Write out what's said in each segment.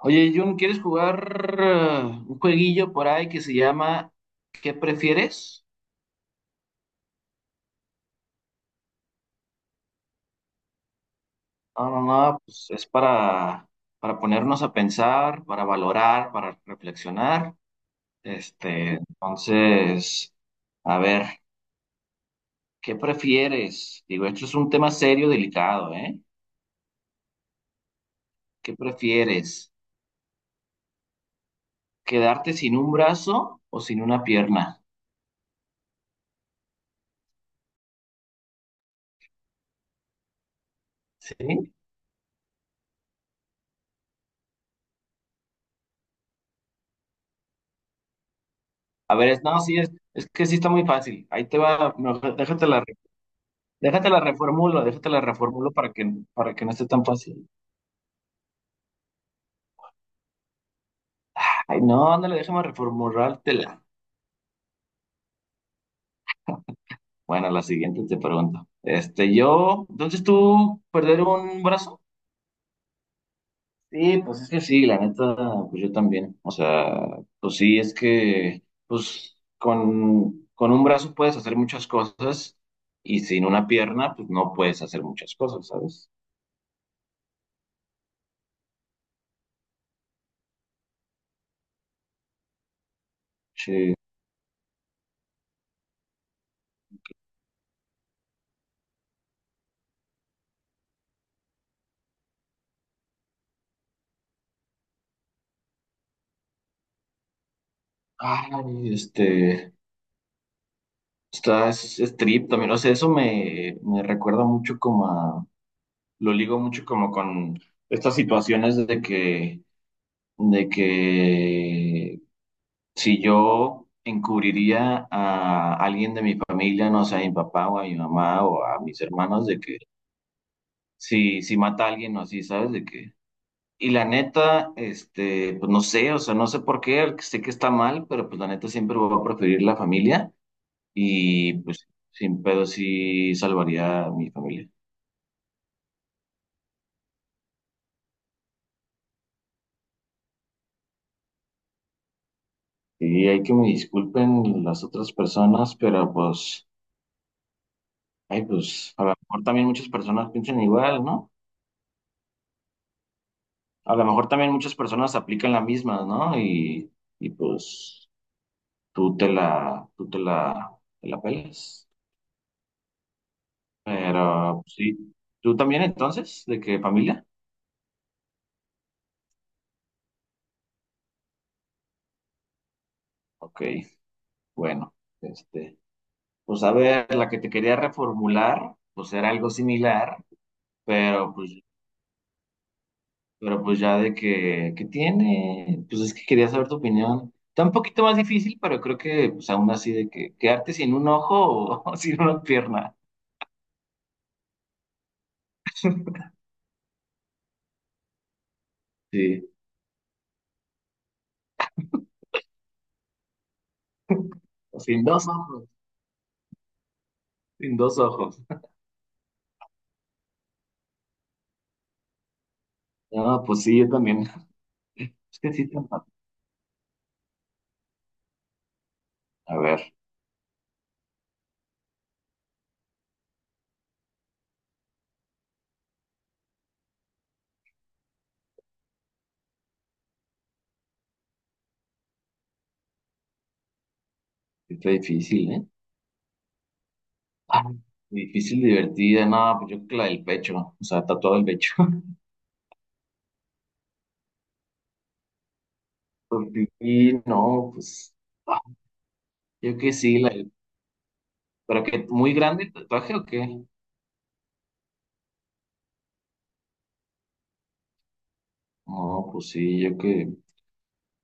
Oye, Jun, ¿quieres jugar un jueguillo por ahí que se llama ¿Qué prefieres? No, no, no, pues es para ponernos a pensar, para valorar, para reflexionar. Entonces, a ver, ¿qué prefieres? Digo, esto es un tema serio, delicado, ¿eh? ¿Qué prefieres? ¿Quedarte sin un brazo o sin una pierna? ¿Sí? A ver, es, no, sí, es que sí está muy fácil. Ahí te va, mejor déjate la. Déjate la reformulo para para que no esté tan fácil. Ay, no, ándale, déjame reformulártela. Bueno, la siguiente te pregunto. Yo, entonces tú, perder un brazo. Sí, pues es que sí, la neta, pues yo también. O sea, pues sí, es que, pues con un brazo puedes hacer muchas cosas y sin una pierna, pues no puedes hacer muchas cosas, ¿sabes? Sí. Ay, este. Es trip también, o sea, eso me recuerda mucho como a, lo ligo mucho como con estas situaciones de que si yo encubriría a alguien de mi familia, no sé, a mi papá o a mi mamá o a mis hermanos, de que si mata a alguien o así, ¿sabes? De que, y la neta, este, pues no sé, o sea, no sé por qué, sé que está mal, pero pues la neta siempre voy a preferir la familia. Y pues sin pedo sí salvaría a mi familia. Y hay que me disculpen las otras personas, pero pues, ay, pues a lo mejor también muchas personas piensan igual, ¿no? A lo mejor también muchas personas aplican la misma, ¿no? Y pues te la pelas. Pero pues, sí, ¿tú también entonces? ¿De qué familia? Ok, bueno, este, pues a ver, la que te quería reformular, pues era algo similar. Pero pues Pero pues ya de que tiene, pues es que quería saber tu opinión. Está un poquito más difícil, pero creo que pues aún así de que quedarte sin un ojo o, o sin una pierna. Sí, o sin dos ojos, sin dos ojos. No, pues sí, yo también. Es que sí, está fa- a ver, sí está difícil, ¿eh? Ah, difícil, divertida, no, pues yo creo que la del pecho, o sea, tatuado el pecho. Porque sí, no, pues ah, yo que sí, la del- pero que muy grande el tatuaje o qué? No, pues sí, yo que...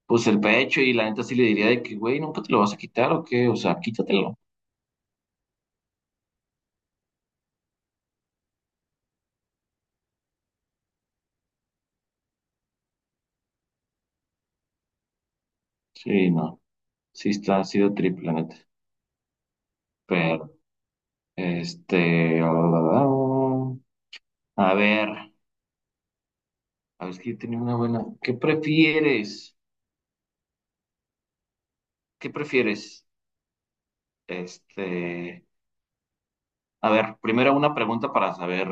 pues el pecho y la neta sí le diría de que, güey, ¿nunca te lo vas a quitar o qué? O sea, quítatelo. Sí, no, sí está, ha sido triple, la neta. Pero, este, a ver, es que yo tenía una buena. ¿Qué prefieres? ¿Qué prefieres? Este, a ver, primero una pregunta para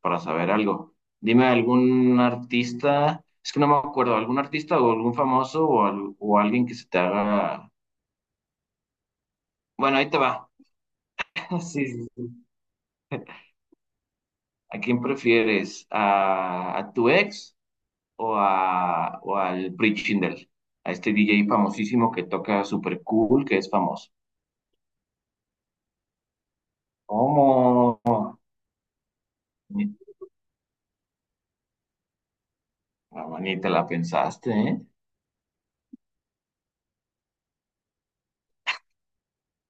para saber algo. Dime algún artista, es que no me acuerdo, algún artista o algún famoso o, al- o alguien que se te haga. Bueno, ahí te va. Sí, sí, ¿A quién prefieres? A tu ex o, a, o al Prichindel? A este DJ famosísimo que toca super cool, que es famoso. ¿Cómo? Ni, no, ni te la pensaste, ¿eh?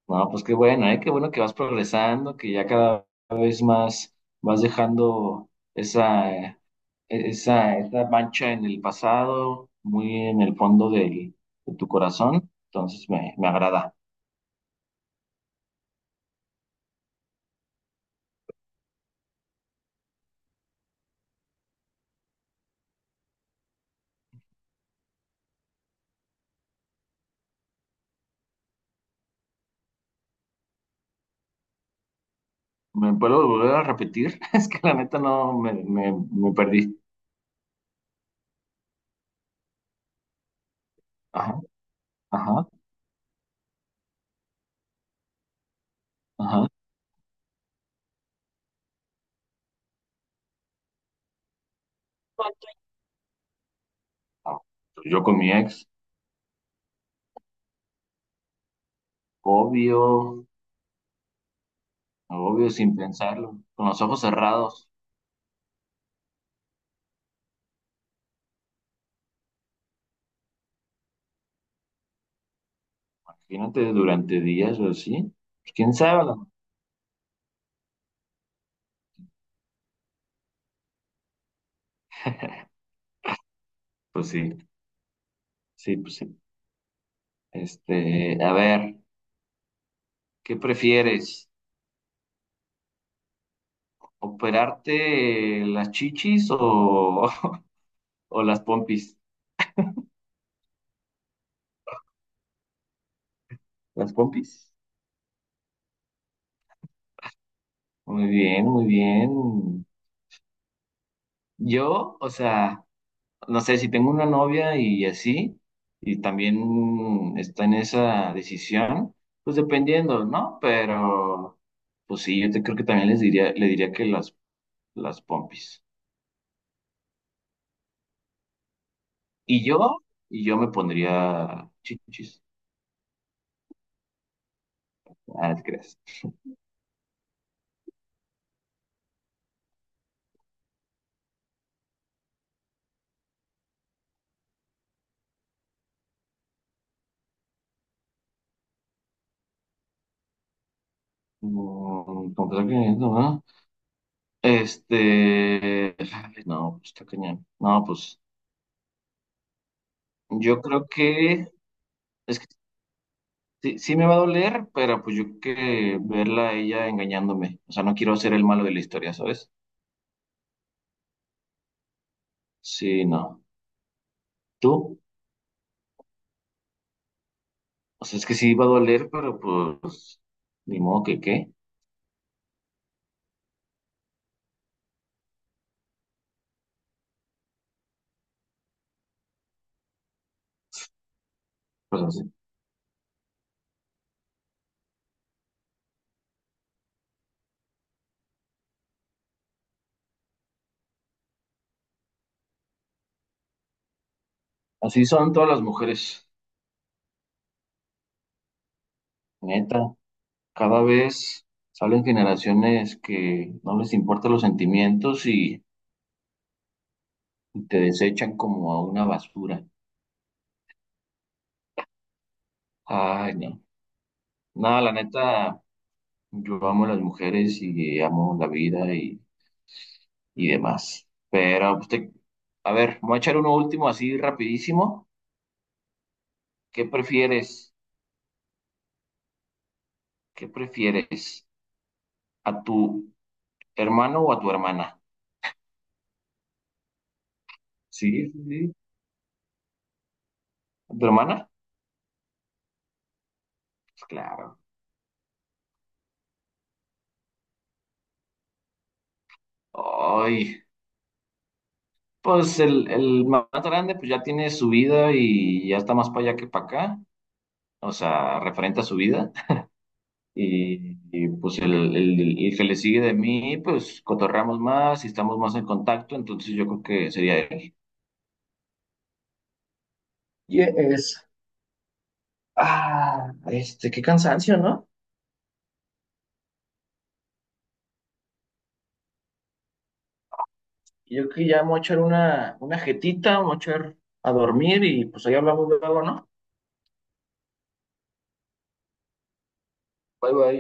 No, pues qué bueno, ¿eh? Qué bueno que vas progresando, que ya cada vez más vas dejando esa, eh, esa, esa mancha en el pasado, muy en el fondo del- de tu corazón. Entonces me agrada. ¿Me puedo volver a repetir? Es que la neta no me perdí. Ajá, ajá, ajá. Ah, pues yo con mi ex, obvio, obvio, sin pensarlo, con los ojos cerrados. Imagínate durante días o así. Pues, ¿quién sabe? La- pues sí, sí, pues sí. Este, a ver, ¿qué prefieres? ¿Operarte las chichis o, o las pompis? ¿Las pompis? Muy bien, muy bien. Yo, o sea. No sé, si tengo una novia y así, y también está en esa decisión, pues dependiendo, ¿no? Pero, pues sí, yo te, creo que también les diría, le diría que las pompis. Y yo, y yo me pondría chichis. Ah, no te creas. Mm, confesar que no, ¿no? Este, ay, no, pues está cañón. No, pues yo creo que es que sí, sí me va a doler, pero pues yo que verla a ella engañándome. O sea, no quiero ser el malo de la historia, ¿sabes? Sí, no. ¿Tú? O sea, es que sí va a doler, pero pues ni modo que qué. Pues así. Así son todas las mujeres, neta. Cada vez salen generaciones que no les importan los sentimientos y te desechan como a una basura. Ay, no. Nada, la neta, yo amo a las mujeres y amo la vida y demás. Pero, pues, te- a ver, voy a echar uno último así rapidísimo. ¿Qué prefieres? ¿Qué prefieres? ¿A tu hermano o a tu hermana? Sí, sí, sí. ¿A tu hermana? Pues, claro. Ay, pues el más grande pues ya tiene su vida y ya está más para allá que para acá. O sea, referente a su vida. Y, pues el que le sigue de mí, pues cotorreamos más y estamos más en contacto. Entonces yo creo que sería él. Yes. Ah, este, qué cansancio, ¿no? Yo creo que ya me voy a echar una jetita, me voy a echar a dormir y pues ahí hablamos luego, ¿no? Bye bye.